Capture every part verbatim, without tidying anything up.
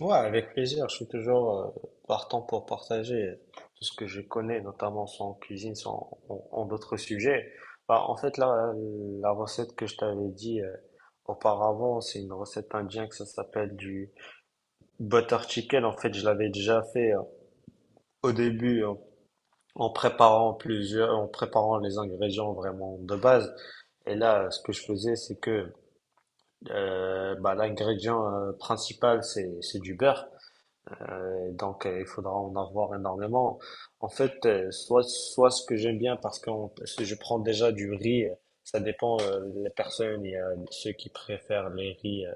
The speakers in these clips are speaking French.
Ouais, avec plaisir. Je suis toujours euh, partant pour partager tout ce que je connais, notamment sans cuisine, sans en, en d'autres sujets. Bah, en fait, là, euh, la recette que je t'avais dit euh, auparavant, c'est une recette indienne que ça s'appelle du butter chicken. En fait, je l'avais déjà fait euh, au début en en préparant plusieurs, en préparant les ingrédients vraiment de base. Et là, ce que je faisais, c'est que euh, bah, l'ingrédient euh, principal, c'est c'est du beurre. Euh, donc, euh, il faudra en avoir énormément. En fait, euh, soit, soit ce que j'aime bien, parce que je prends déjà du riz, euh, ça dépend euh, les personnes. Il y a ceux qui préfèrent les riz euh,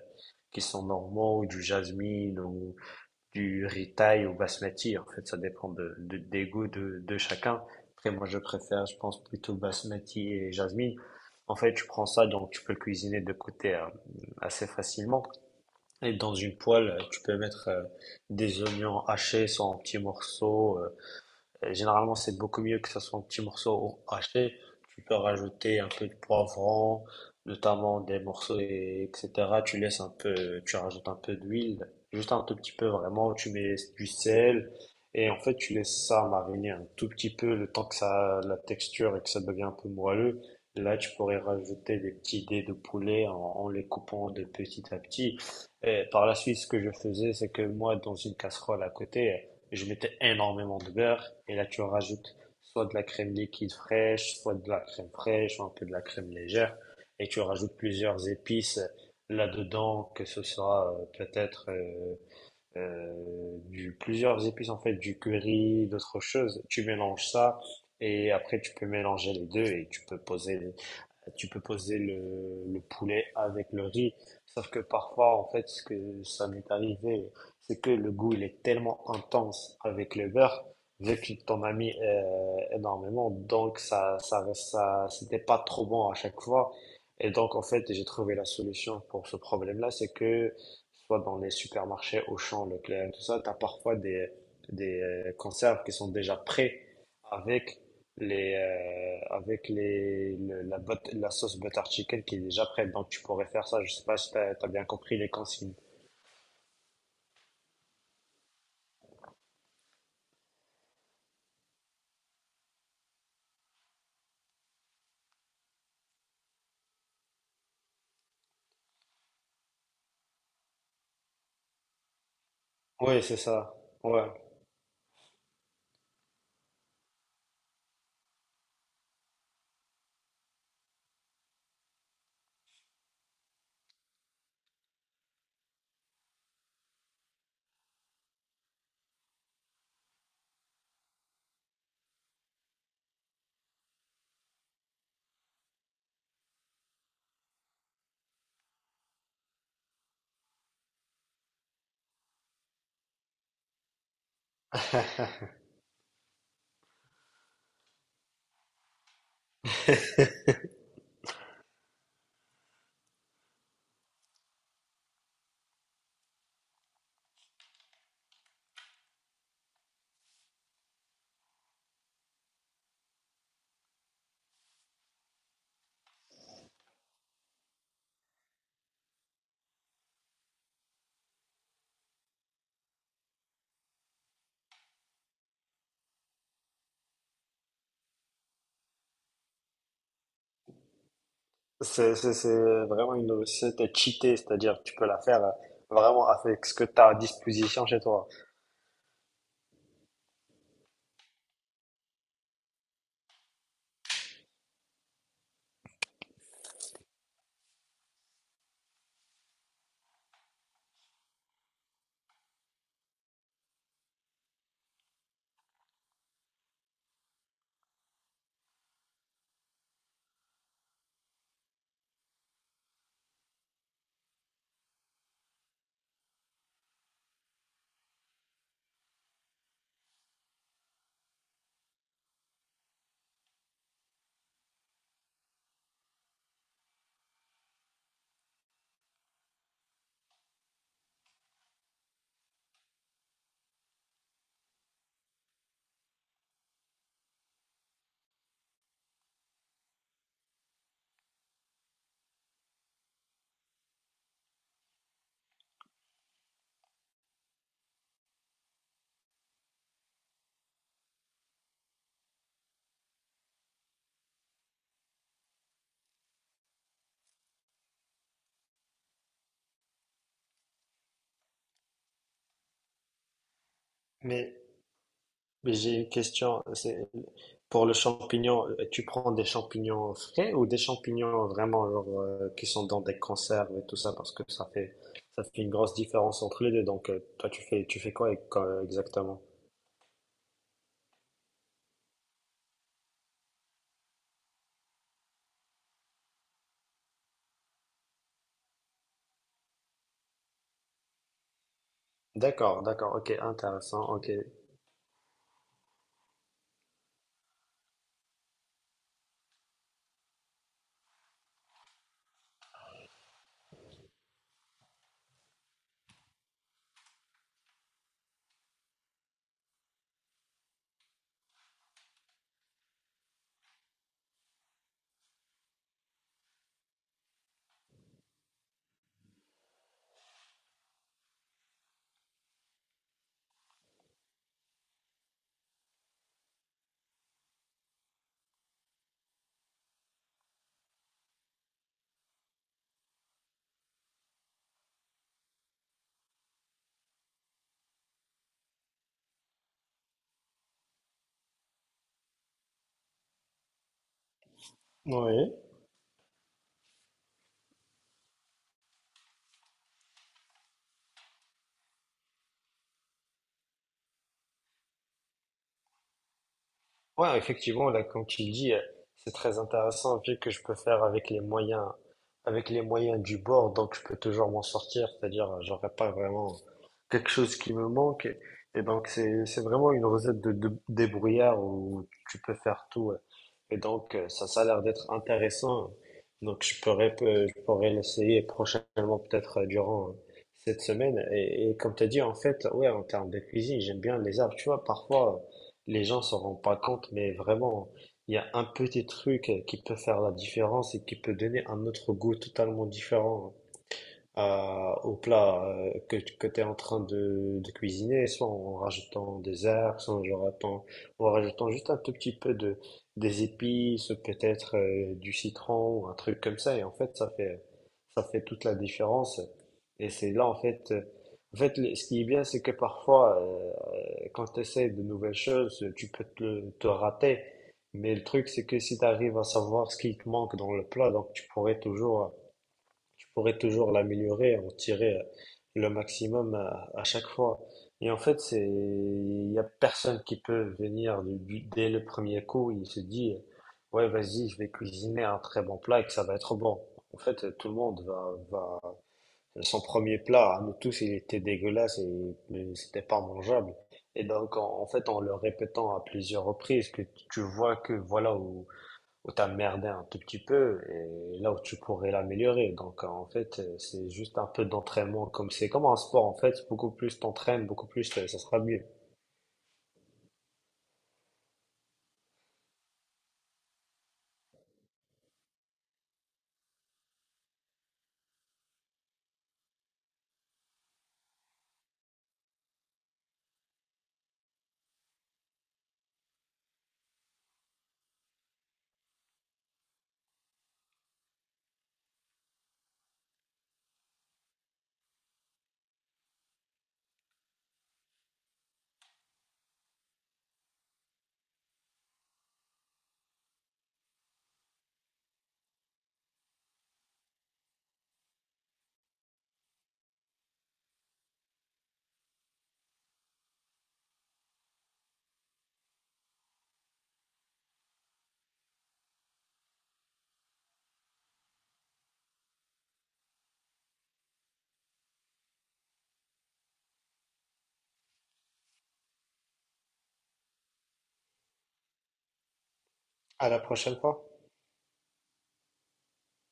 qui sont normaux, ou du jasmine, ou du riz thaï, ou basmati. En fait, ça dépend de, de- des goûts de, de chacun. Après, moi, je préfère, je pense, plutôt basmati et jasmine. En fait, tu prends ça, donc tu peux le cuisiner de côté euh, assez facilement. Et dans une poêle, euh, tu peux mettre euh, des oignons hachés soit en petits morceaux, euh, euh, généralement, c'est beaucoup mieux que ce soit en petits morceaux ou haché. Tu peux rajouter un peu de poivron, notamment des morceaux, et- etc. Tu laisses un peu, tu rajoutes un peu d'huile, juste un tout petit peu vraiment. Tu mets du sel et en fait, tu laisses ça mariner un tout petit peu le temps que ça, la texture et que ça devient un peu moelleux. Là, tu pourrais rajouter des petits dés de poulet en, en les coupant de petit à petit. Et par la suite, ce que je faisais, c'est que moi, dans une casserole à côté, je mettais énormément de beurre et là tu rajoutes soit de la crème liquide fraîche, soit de la crème fraîche, un peu de la crème légère et tu rajoutes plusieurs épices là-dedans, que ce soit euh, peut-être euh, euh, du, plusieurs épices en fait, du curry, d'autres choses. Tu mélanges ça et après tu peux mélanger les deux et tu peux poser tu peux poser le, le poulet avec le riz. Sauf que parfois, en fait, ce que ça m'est arrivé, c'est que le goût, il est tellement intense avec le beurre, vu qu'il t'en a mis euh, énormément, donc ça, ça, ça, c'était pas trop bon à chaque fois. Et donc, en fait, j'ai trouvé la solution pour ce problème-là, c'est que soit dans les supermarchés, Auchan, Leclerc, tout ça, tu as parfois des, des euh, conserves qui sont déjà prêts avec les euh, avec les le- la, but- la sauce butter chicken qui est déjà prête. Donc tu pourrais faire ça, je sais pas si tu as, bien compris les consignes. Oui, c'est ça. Ouais. C'est c'est- c'est vraiment une recette cheatée, c'est-à-dire que tu peux la faire euh, vraiment avec ce que tu as à disposition chez toi. Mais Mais j'ai une question, c'est pour le champignon, euh, tu prends des champignons frais ou des champignons vraiment genre, euh, qui sont dans des conserves et tout ça parce que ça fait ça fait une grosse différence entre les deux. Donc euh, toi tu fais tu fais quoi ex- quoi exactement? D'accord, d'accord, ok, intéressant, ok. Oui. Ouais, effectivement, là, comme tu le dis, euh, c'est très intéressant vu que je peux faire avec les moyens, avec les moyens du bord, donc je peux toujours m'en sortir, c'est-à-dire euh, j'aurais pas vraiment quelque chose qui me manque. Et donc c'est c'est vraiment une recette de, de débrouillard où tu peux faire tout. Ouais. Et donc euh, ça, ça a l'air d'être intéressant. Donc je pourrais pe- je pourrais l'essayer prochainement peut-être euh, durant euh, cette semaine. Et, et comme tu as dit, en fait, ouais, en termes de cuisine, j'aime bien les arbres. Tu vois, parfois les gens s'en rendent pas compte, mais vraiment, il y a un petit truc qui peut faire la différence et qui peut donner un autre goût totalement différent à- au plat euh, que, que tu es en train de, de cuisiner, soit en rajoutant des herbes, soit en le rajoutant, en rajoutant juste un tout petit peu de, des épices, peut-être euh, du citron ou un truc comme ça. Et en fait, ça fait, ça fait toute la différence. Et c'est là, en fait, euh, en fait, le- ce qui est bien, c'est que parfois, euh, quand tu essaies de nouvelles choses, tu peux te, te rater. Mais le truc, c'est que si tu arrives à savoir ce qui te manque dans le plat, donc tu pourrais toujours pourrait toujours l'améliorer, en tirer euh, le maximum à, à chaque fois. Et en fait, c'est, il y a personne qui peut venir du- du- dès le premier coup, il se dit, euh, ouais, vas-y, je vais cuisiner un très bon plat et que ça va être bon. En fait, tout le monde va, va, son premier plat, à nous tous, il était dégueulasse et et c'était pas mangeable. Et donc, en, en fait, en le répétant à plusieurs reprises, que tu vois que voilà où, où t'as merdé un tout petit peu et là où tu pourrais l'améliorer. Donc euh, en fait, euh, c'est juste un peu d'entraînement comme c'est comme un sport en fait, beaucoup plus t'entraînes, beaucoup plus euh, ça sera mieux. À la prochaine fois.